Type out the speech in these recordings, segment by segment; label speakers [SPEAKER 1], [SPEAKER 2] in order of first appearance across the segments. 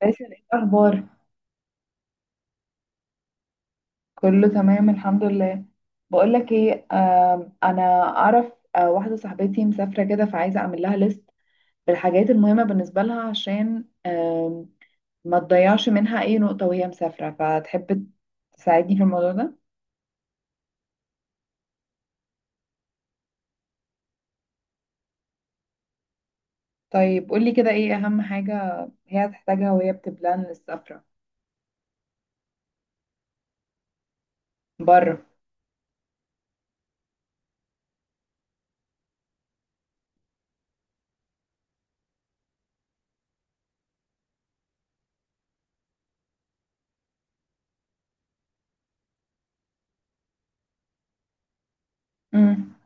[SPEAKER 1] باسل، ايه الاخبار؟ كله تمام الحمد لله. بقول لك ايه، انا اعرف. واحده صاحبتي مسافره كده، فعايزه اعمل لها ليست بالحاجات المهمه بالنسبه لها، عشان ما تضيعش منها اي نقطه وهي مسافره، فتحب تساعدني في الموضوع ده. طيب قولي كده، ايه اهم حاجه هي هتحتاجها وهي بتبلان السفره؟ بره. امم.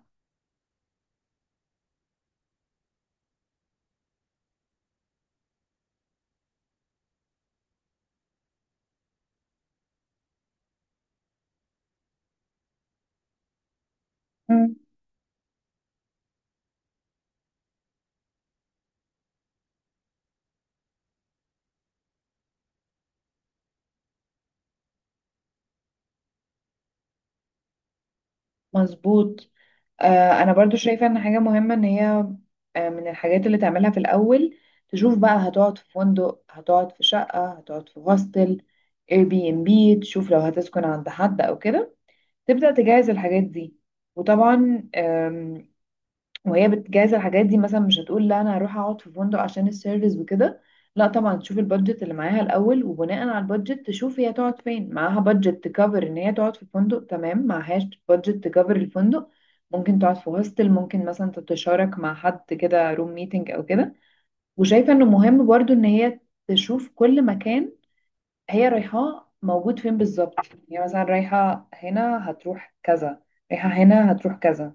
[SPEAKER 1] مظبوط. آه، انا برضو شايفة ان حاجة مهمة، ان هي من الحاجات اللي تعملها في الاول تشوف بقى هتقعد في فندق، هتقعد في شقة، هتقعد في هوستل، اير بي ام بي. تشوف لو هتسكن عند حد او كده، تبدأ تجهز الحاجات دي. وطبعا وهي بتجهز الحاجات دي، مثلا مش هتقول لا انا هروح اقعد في فندق عشان السيرفيس وكده. لا طبعا تشوف البادجت اللي معاها الاول، وبناء على البادجت تشوف هي تقعد فين. معاها بادجت تكفر ان هي تقعد في فندق، تمام. معهاش بادجت تكفر الفندق، ممكن تقعد في هوستل، ممكن مثلا تتشارك مع حد كده روم ميتنج او كده. وشايفه انه مهم برضو ان هي تشوف كل مكان هي رايحاه موجود فين بالظبط. يعني مثلا رايحه هنا هتروح كذا، رايحه هنا هتروح كذا.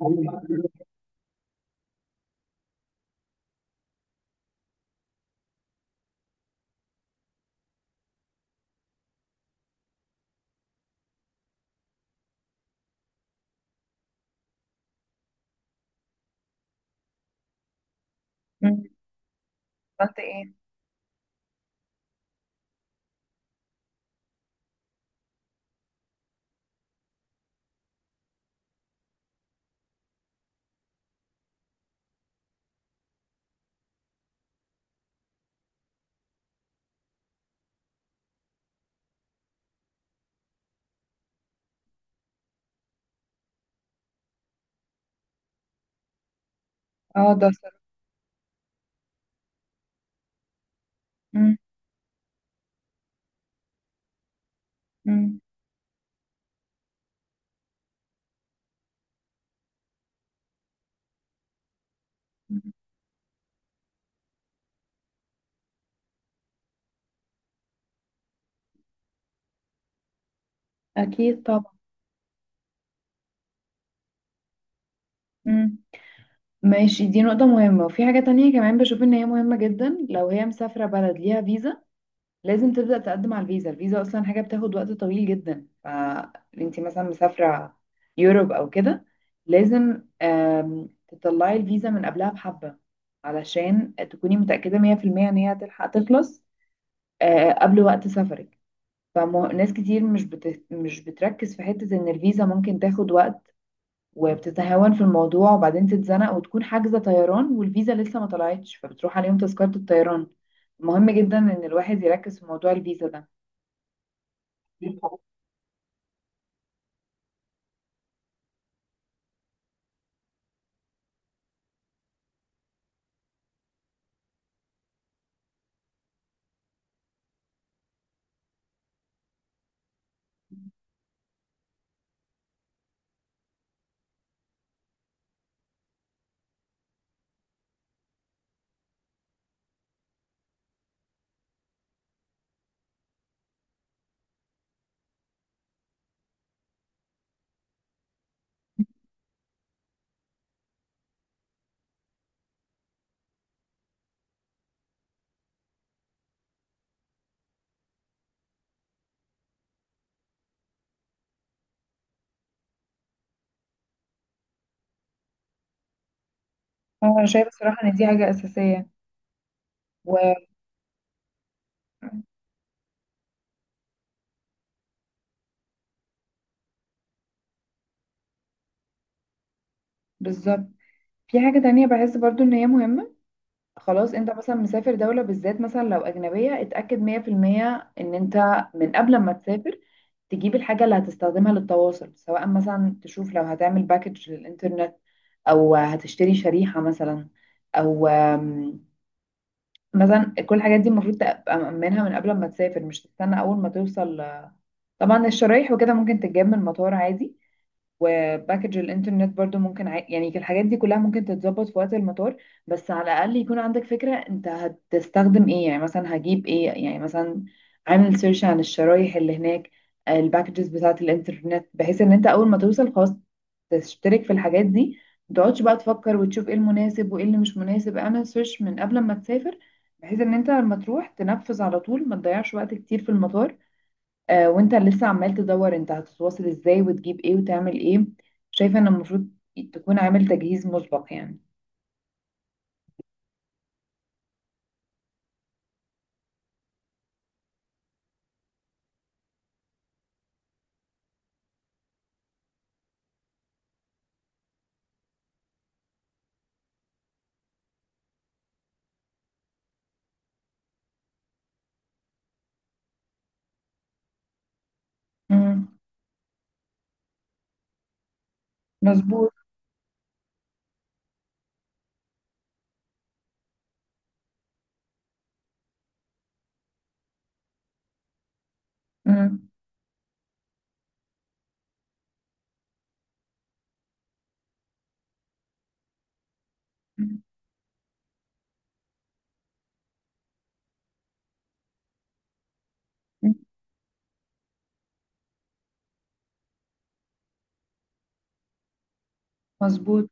[SPEAKER 1] آم، مم. عملت ايه؟ اه ده صراحة. مم. مم. مم. اكيد طبعا. مم. ماشي، دي نقطة مهمة. وفي حاجة تانية كمان بشوف ان هي مهمة جدا، لو هي مسافرة بلد ليها فيزا، لازم تبدأ تقدم على الفيزا. الفيزا اصلا حاجة بتاخد وقت طويل جدا، فانتي مثلا مسافرة يوروب او كده، لازم تطلعي الفيزا من قبلها بحبة، علشان تكوني متأكدة 100% ان هي هتلحق تخلص قبل وقت سفرك. فناس كتير مش بتركز في حتة ان الفيزا ممكن تاخد وقت، وبتتهاون في الموضوع، وبعدين تتزنق وتكون حاجزة طيران والفيزا لسه ما طلعتش، فبتروح عليهم تذكرة الطيران. مهم جدا ان الواحد يركز في موضوع الفيزا ده. انا شايفة صراحة ان دي حاجة اساسية. وبالظبط، في حاجة تانية بحس برضو ان هي مهمة. خلاص، انت مثلا مسافر دولة بالذات، مثلا لو اجنبية، اتأكد 100% ان انت من قبل ما تسافر تجيب الحاجة اللي هتستخدمها للتواصل، سواء مثلا تشوف لو هتعمل باكج للإنترنت، أو هتشتري شريحة مثلا، أو مثلا كل الحاجات دي المفروض تبقى مأمنها من قبل ما تسافر، مش تستنى أول ما توصل. طبعا الشرايح وكده ممكن تتجاب من المطار عادي، وباكج الانترنت برضو ممكن يعني الحاجات دي كلها ممكن تتظبط في وقت المطار. بس على الاقل يكون عندك فكرة انت هتستخدم ايه. يعني مثلا هجيب ايه، يعني مثلا عامل سيرش عن الشرايح اللي هناك، الباكجز بتاعة الانترنت، بحيث ان انت اول ما توصل خلاص تشترك في الحاجات دي. ما تقعدش بقى تفكر وتشوف ايه المناسب وايه اللي مش مناسب، اعمل سيرش من قبل ما تسافر، بحيث ان انت لما تروح تنفذ على طول، ما تضيعش وقت كتير في المطار وانت لسه عمال تدور انت هتتواصل ازاي وتجيب ايه وتعمل ايه. شايفة ان المفروض تكون عامل تجهيز مسبق يعني. مم. مظبوط. مم. مم. مم. مظبوط.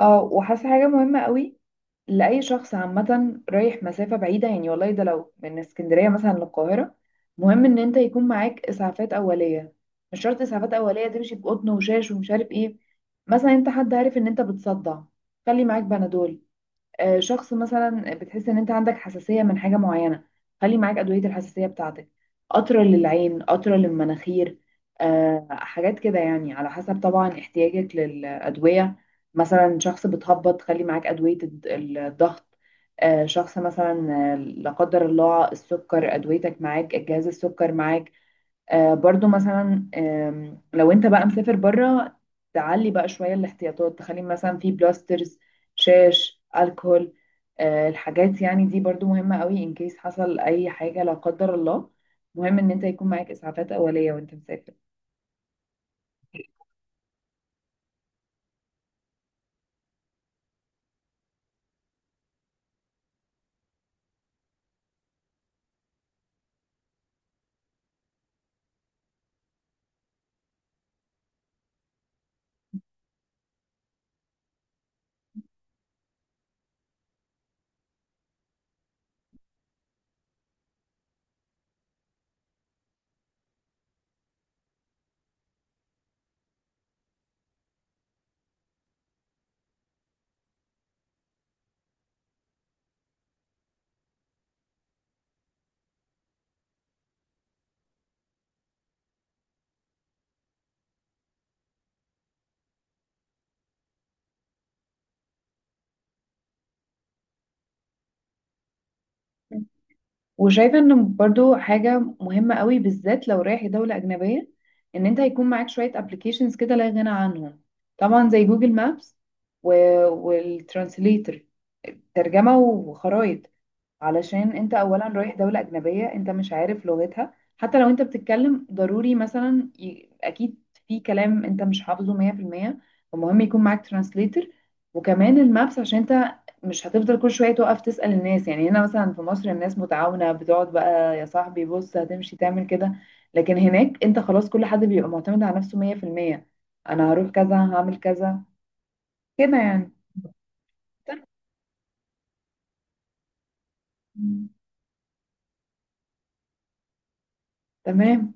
[SPEAKER 1] اه، وحاسة حاجة مهمة قوي لأي شخص عامة رايح مسافة بعيدة. يعني والله ده لو من اسكندرية مثلا للقاهرة، مهم ان انت يكون معاك اسعافات أولية. مش شرط اسعافات أولية تمشي بقطن وشاش ومش عارف ايه. مثلا انت حد عارف ان انت بتصدع، خلي معاك بنادول. شخص مثلا بتحس ان انت عندك حساسية من حاجة معينة، خلي معاك أدوية الحساسية بتاعتك، قطرة للعين، قطرة للمناخير. حاجات كده يعني، على حسب طبعا احتياجك للأدوية. مثلا شخص بتهبط، خلي معاك أدوية الضغط. شخص مثلا لا قدر الله السكر، أدويتك معاك، جهاز السكر معاك. آه برضو مثلا لو انت بقى مسافر بره، تعلي بقى شوية الاحتياطات، تخلي مثلا في بلاسترز، شاش، الكحول. آه الحاجات يعني دي برضو مهمة قوي، ان كيس حصل اي حاجة لا قدر الله، مهم ان انت يكون معاك اسعافات اولية وانت مسافر. وشايفة ان برضو حاجة مهمة قوي، بالذات لو رايح دولة اجنبية، ان انت هيكون معاك شوية ابلكيشنز كده لا غنى عنهم. طبعا زي جوجل مابس والترانسليتر، ترجمة وخرائط. علشان انت اولا رايح دولة اجنبية انت مش عارف لغتها، حتى لو انت بتتكلم، ضروري مثلا اكيد في كلام انت مش حافظه 100%. فمهم يكون معاك ترانسليتر، وكمان المابس، عشان انت مش هتفضل كل شوية توقف تسأل الناس. يعني هنا مثلا في مصر الناس متعاونة، بتقعد بقى يا صاحبي بص هتمشي تعمل كده. لكن هناك انت خلاص كل حد بيبقى معتمد على نفسه 100%. انا هروح كذا، هعمل كذا، كده يعني. تمام.